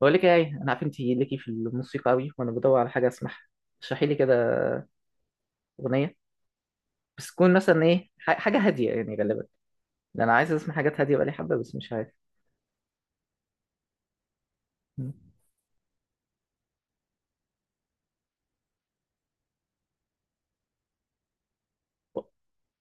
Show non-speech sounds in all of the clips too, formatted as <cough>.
بقول لك ايه، انا عارف انت ليكي في الموسيقى قوي وانا بدور على حاجه اسمعها. اشرحي لي كده، اغنيه، بس تكون مثلا ايه، حاجه هاديه يعني غالبا، لان انا عايز اسمع حاجات هاديه بقالي حبه بس مش عارف. مم. و-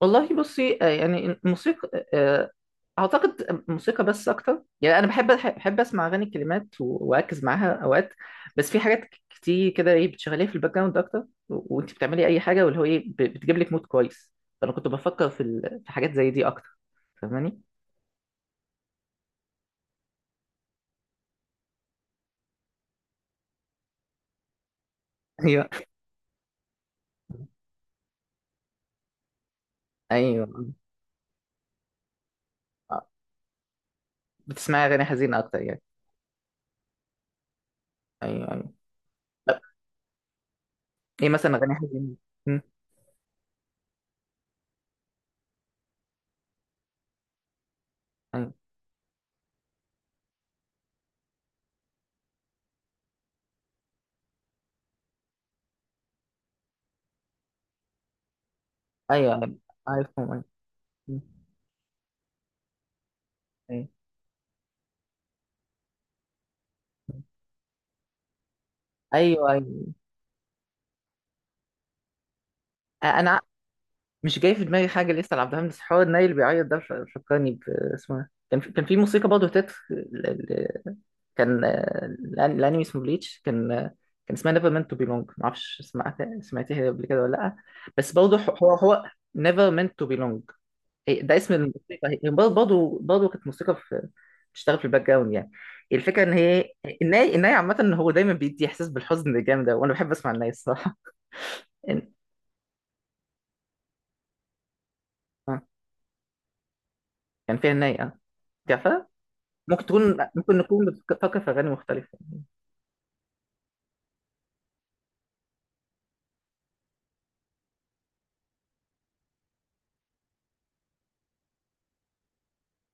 والله بصي، يعني الموسيقى، اعتقد موسيقى بس اكتر. يعني انا بحب اسمع اغاني الكلمات واركز معاها اوقات، بس في حاجات كتير كده ايه بتشغليها في الباك جراوند اكتر، وانت بتعملي اي حاجه، واللي هو ايه بتجيب لك مود كويس. فانا كنت بفكر في في حاجات زي دي اكتر، فاهماني؟ <laughs> ايوه، ايوه. آه، بتسمعي اغاني حزينه اكتر يعني؟ ايوه، ايوه. طب ايه مثلا اغاني حزينه؟ مم، ايوه، ايوه، ايوه، عارفهم، ايوه. مم، ايوه، ايوه، ايوه. انا مش جاي في دماغي حاجه لسه لعبد الحميد، بس حوار الناي اللي بيعيط ده فكرني اسمه إيه؟ كان في، موسيقى برضه تتر كان، الانمي اسمه بليتش، كان، كان اسمها نيفر مينت تو بيلونج، معرفش سمعتيها قبل كده ولا لا، بس برضه هو نيفر مينت تو بيلونج. إيه ده اسم الموسيقى، هي برضه كانت موسيقى، في بتشتغل في الباك جراوند يعني. الفكره ان هي، الناي عامه ان هو دايما بيدي احساس بالحزن الجامد ده، وانا بحب اسمع الناي الصراحه. <laughs> إن- آه، كان فيها الناي، اه. تعرفها؟ ممكن نكون بتفكر في اغاني مختلفه.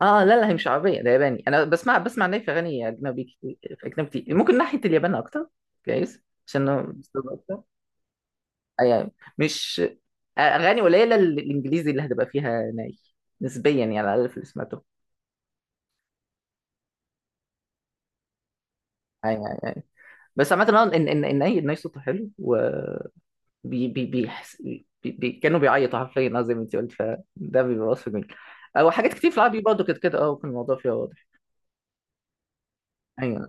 اه لا، لا هي مش عربيه، ده ياباني. انا بسمع الناي في اغاني اجنبي كتير، ممكن ناحيه اليابان اكتر. كويس عشان أنا مستوعب اكتر. آه، يعني مش اغاني قليله الانجليزي اللي هتبقى فيها ناي، نسبيا يعني، على الاقل في اللي سمعته. ايوه. بس عامة اه ان اي ان اي صوته حلو بي بي كانوا بيعيطوا حرفيا، اه زي ما انت قلت، فده بيبقى وصف جميل. او حاجات كتير في العربي برضه كانت كده، اه، وكان الموضوع فيها واضح. ايوه،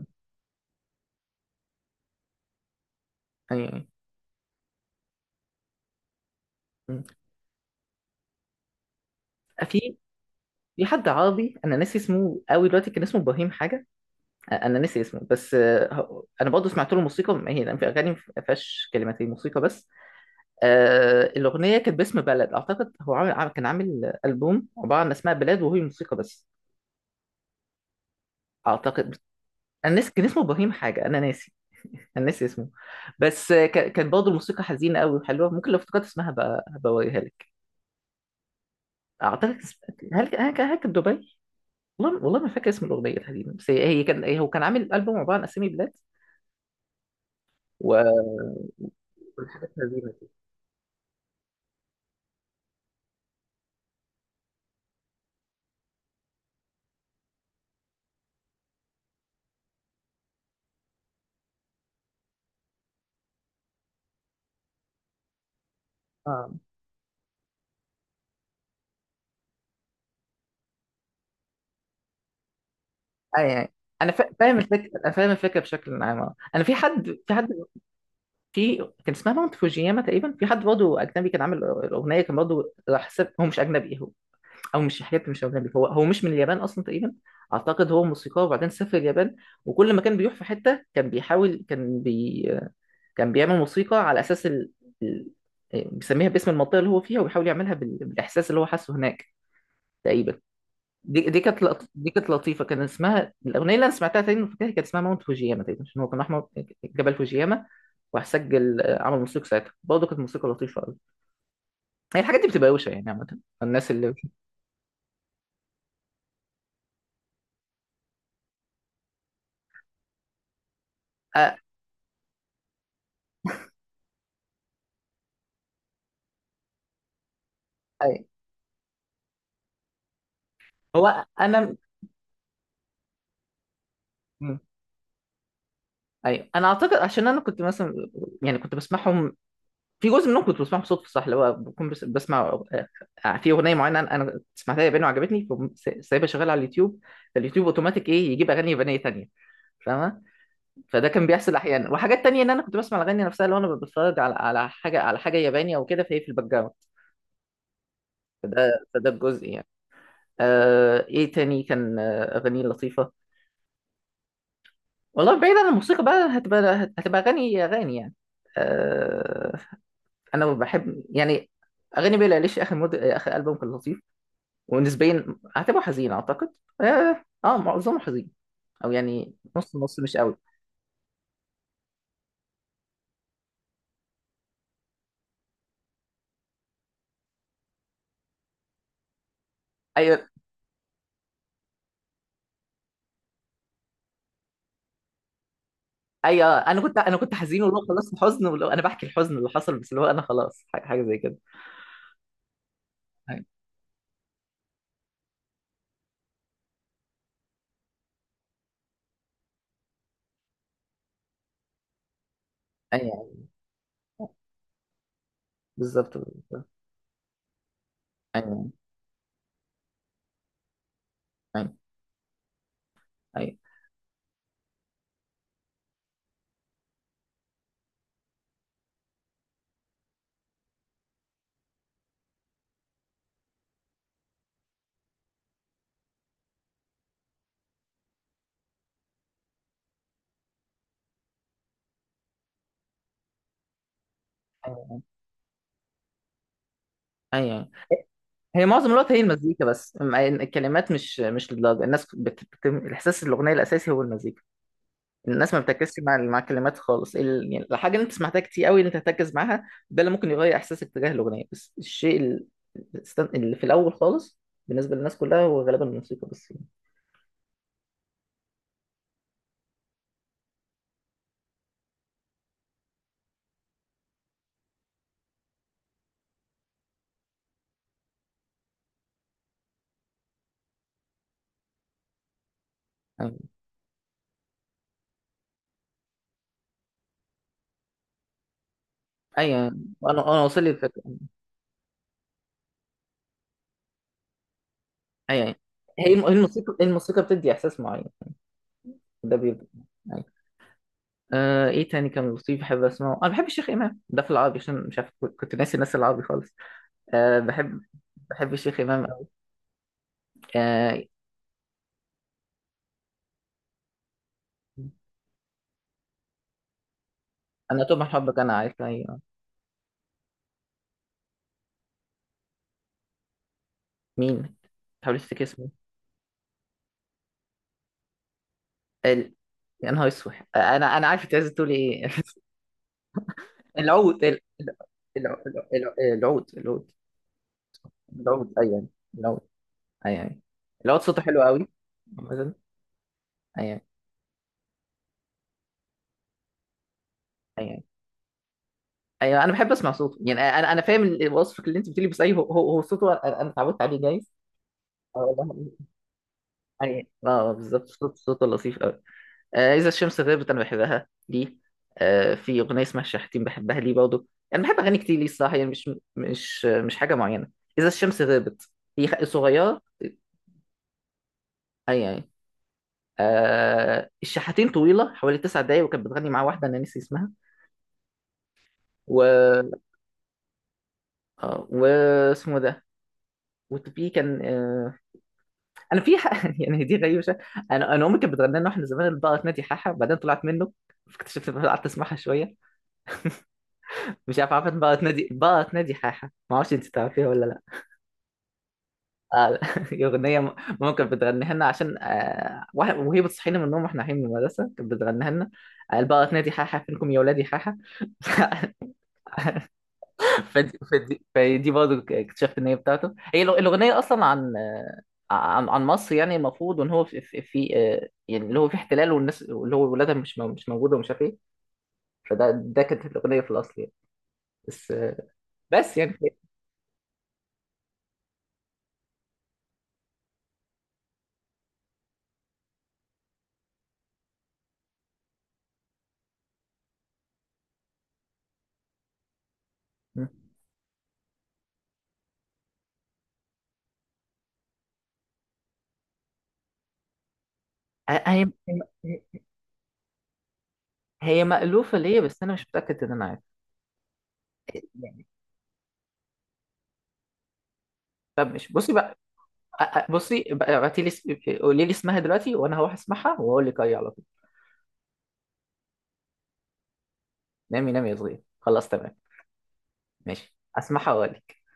ايوه، ايوه. مم. آه، في في حد عربي انا ناسي اسمه قوي دلوقتي، كان اسمه ابراهيم حاجه. انا ناسي اسمه، انا برضه سمعت له موسيقى، ما هي لأن في اغاني ما فيهاش كلمات، هي موسيقى بس. الاغنيه كانت باسم بلد، اعتقد هو كان عامل البوم عباره عن اسماء بلاد وهي موسيقى بس، اعتقد. انا ناسي، كان اسمه ابراهيم حاجه، انا ناسي <laughs> انا ناسي اسمه، بس كان برضه الموسيقى حزينه قوي وحلوه. ممكن لو افتكرت اسمها بقى هبوريها لك. اعتقد هل كان دبي؟ والله، ما فاكر اسم الاغنيه الحزينه، بس هي هي كان هي هو كان عامل البوم عباره عن اسامي بلاد، وحزينه. اه. يعني انا فاهم الفكره، بشكل عام. انا في حد، في كان اسمها ماونت فوجياما تقريبا، في حد برضه اجنبي كان عامل الاغنيه، كان برضه راح هو مش اجنبي، او مش اجنبي، هو مش من اليابان اصلا تقريبا. اعتقد هو موسيقار وبعدين سافر اليابان، وكل ما كان بيروح في حته كان بيحاول، كان بيعمل موسيقى على اساس ال... إيه، بيسميها باسم المنطقه اللي هو فيها، وبيحاول يعملها بالاحساس اللي هو حاسه هناك تقريبا. دي كانت لطيفه، كان اسمها الاغنيه اللي انا سمعتها، تقريبا فاكرها كانت اسمها ماونت فوجياما تقريبا، عشان هو كان احمر، جبل فوجياما. وراح سجل، عمل موسيقى ساعتها، برضه كانت موسيقى لطيفه قوي. هي الحاجات دي بتبقى روشه يعني عامه. الناس اللي آه، آه. هو انا ايوه، انا اعتقد عشان انا كنت مثلا، يعني كنت بسمعهم، في جزء منهم كنت بسمعهم صدفه، صح؟ اللي هو بكون بس بسمع، في اغنيه معينه انا، سمعتها ياباني وعجبتني، فقوم سايبها شغاله على اليوتيوب، فاليوتيوب اوتوماتيك ايه، يجيب اغاني يابانيه تانية، فاهمه؟ فده كان بيحصل احيانا، وحاجات تانية ان انا كنت بسمع الاغاني نفسها لو انا بتفرج على حاجه، ياباني او كده، فهي في الباك جراوند. فده الجزء يعني. ايه تاني كان، اغاني لطيفه. والله بعيد عن الموسيقى بقى، هتبقى، اغاني، يعني، آه، انا بحب يعني اغاني بيلي ايليش، اخر مود، اخر البوم كان لطيف ونسبيا اعتبره حزين، اعتقد. معظمه حزين، او يعني نص نص، مش قوي. ايوه، ايوه، انا كنت حزين والله، خلاص حزن والله، انا بحكي الحزن اللي حصل، بس اللي هو انا خلاص، حاجه، حاجة زي كده. ايوه، ايوه، بالظبط. ايوه، ايوه، ايوه، ايوه، ايوه. هي معظم الوقت هي المزيكا بس، الكلمات مش للدرجه، الناس الاحساس، الاغنيه الاساسي هو المزيكا. الناس ما بتركزش مع الكلمات خالص يعني الحاجه اللي انت سمعتها كتير قوي اللي انت تركز معاها، ده اللي ممكن يغير احساسك تجاه الاغنيه، بس الشيء اللي في الاول خالص بالنسبه للناس كلها، هو غالبا الموسيقى بس. يعني ايوه، انا واصل لي الفكره، ايوه، أيوة. هي الموسيقى، بتدي احساس معين، ده بيبقى، أيوة. ايه تاني كان لطيف بحب اسمعه، انا بحب الشيخ امام ده في العربي، عشان مش عارف، كنت ناسي الناس العربي خالص. بحب، بحب الشيخ امام قوي. آه انا طبعا حبك انا، عارف، ايوه. مين؟ هوليستيك اسمه؟ ال... يا نهار اسود، انا، عارف انت عايز تقول ايه <laughs> العود، العود، العود ايوه، العود، ايوه، العود صوته حلو قوي. مثلا، ايوه، ايوه، ايوه، انا بحب اسمع صوته يعني. انا، فاهم وصفك اللي انت بتقولي، بس ايوه، هو صوته، انا، اتعودت عليه جايز. اه والله. ايوه، اه، بالظبط، صوته لطيف قوي. إذا الشمس غابت، أنا بحبها دي. في أغنية اسمها الشحاتين بحبها ليه برضه. أنا بحب أغاني كتير ليه الصراحة، يعني مش، مش حاجة معينة. إذا الشمس غابت هي صغيرة. أي يعني. الشحاتين طويلة حوالي 9 دقايق، وكانت بتغني مع واحدة أنا نسي اسمها. و واسمه ده. وفي كان، أنا في <laughs> يعني دي غريبة شوية. أنا أمي كانت بتغني لنا وإحنا زمان البقرة تنادي حاحة، بعدين طلعت منه، فاكتشفت إن أنا قعدت أسمعها شوية. مش عارف، عارفة البقرة تنادي، البقرة تنادي حاحة؟ ما أعرفش، أنت تعرفيها ولا؟ آه، <laughs> أغنية ممكن بتغنيها لنا عشان، وهي بتصحينا من النوم واحنا رايحين من المدرسة، كانت بتغنيها لنا. قال بقى تنادي حاحة فينكم يا ولادي حاحة <laughs> فدي برضه اكتشفت إن هي بتاعته، هي الأغنية أصلا عن، عن، مصر يعني، المفروض، وإن هو في، يعني اللي هو في احتلال، والناس اللي هو ولادها مش موجودة ومش عارف إيه. فده كانت الأغنية في الأصل يعني، بس، بس يعني. م. هي هي مألوفة ليا، بس أنا مش متأكد إن أنا عارف يعني. فمش، بصي بقى، بصي بقى، ابعتي لي قولي لي اسمها دلوقتي، وانا هروح اسمعها واقول لك اي على طول. نامي نامي يا صغير، خلاص تمام، ماشي، اسمعها واقول لك.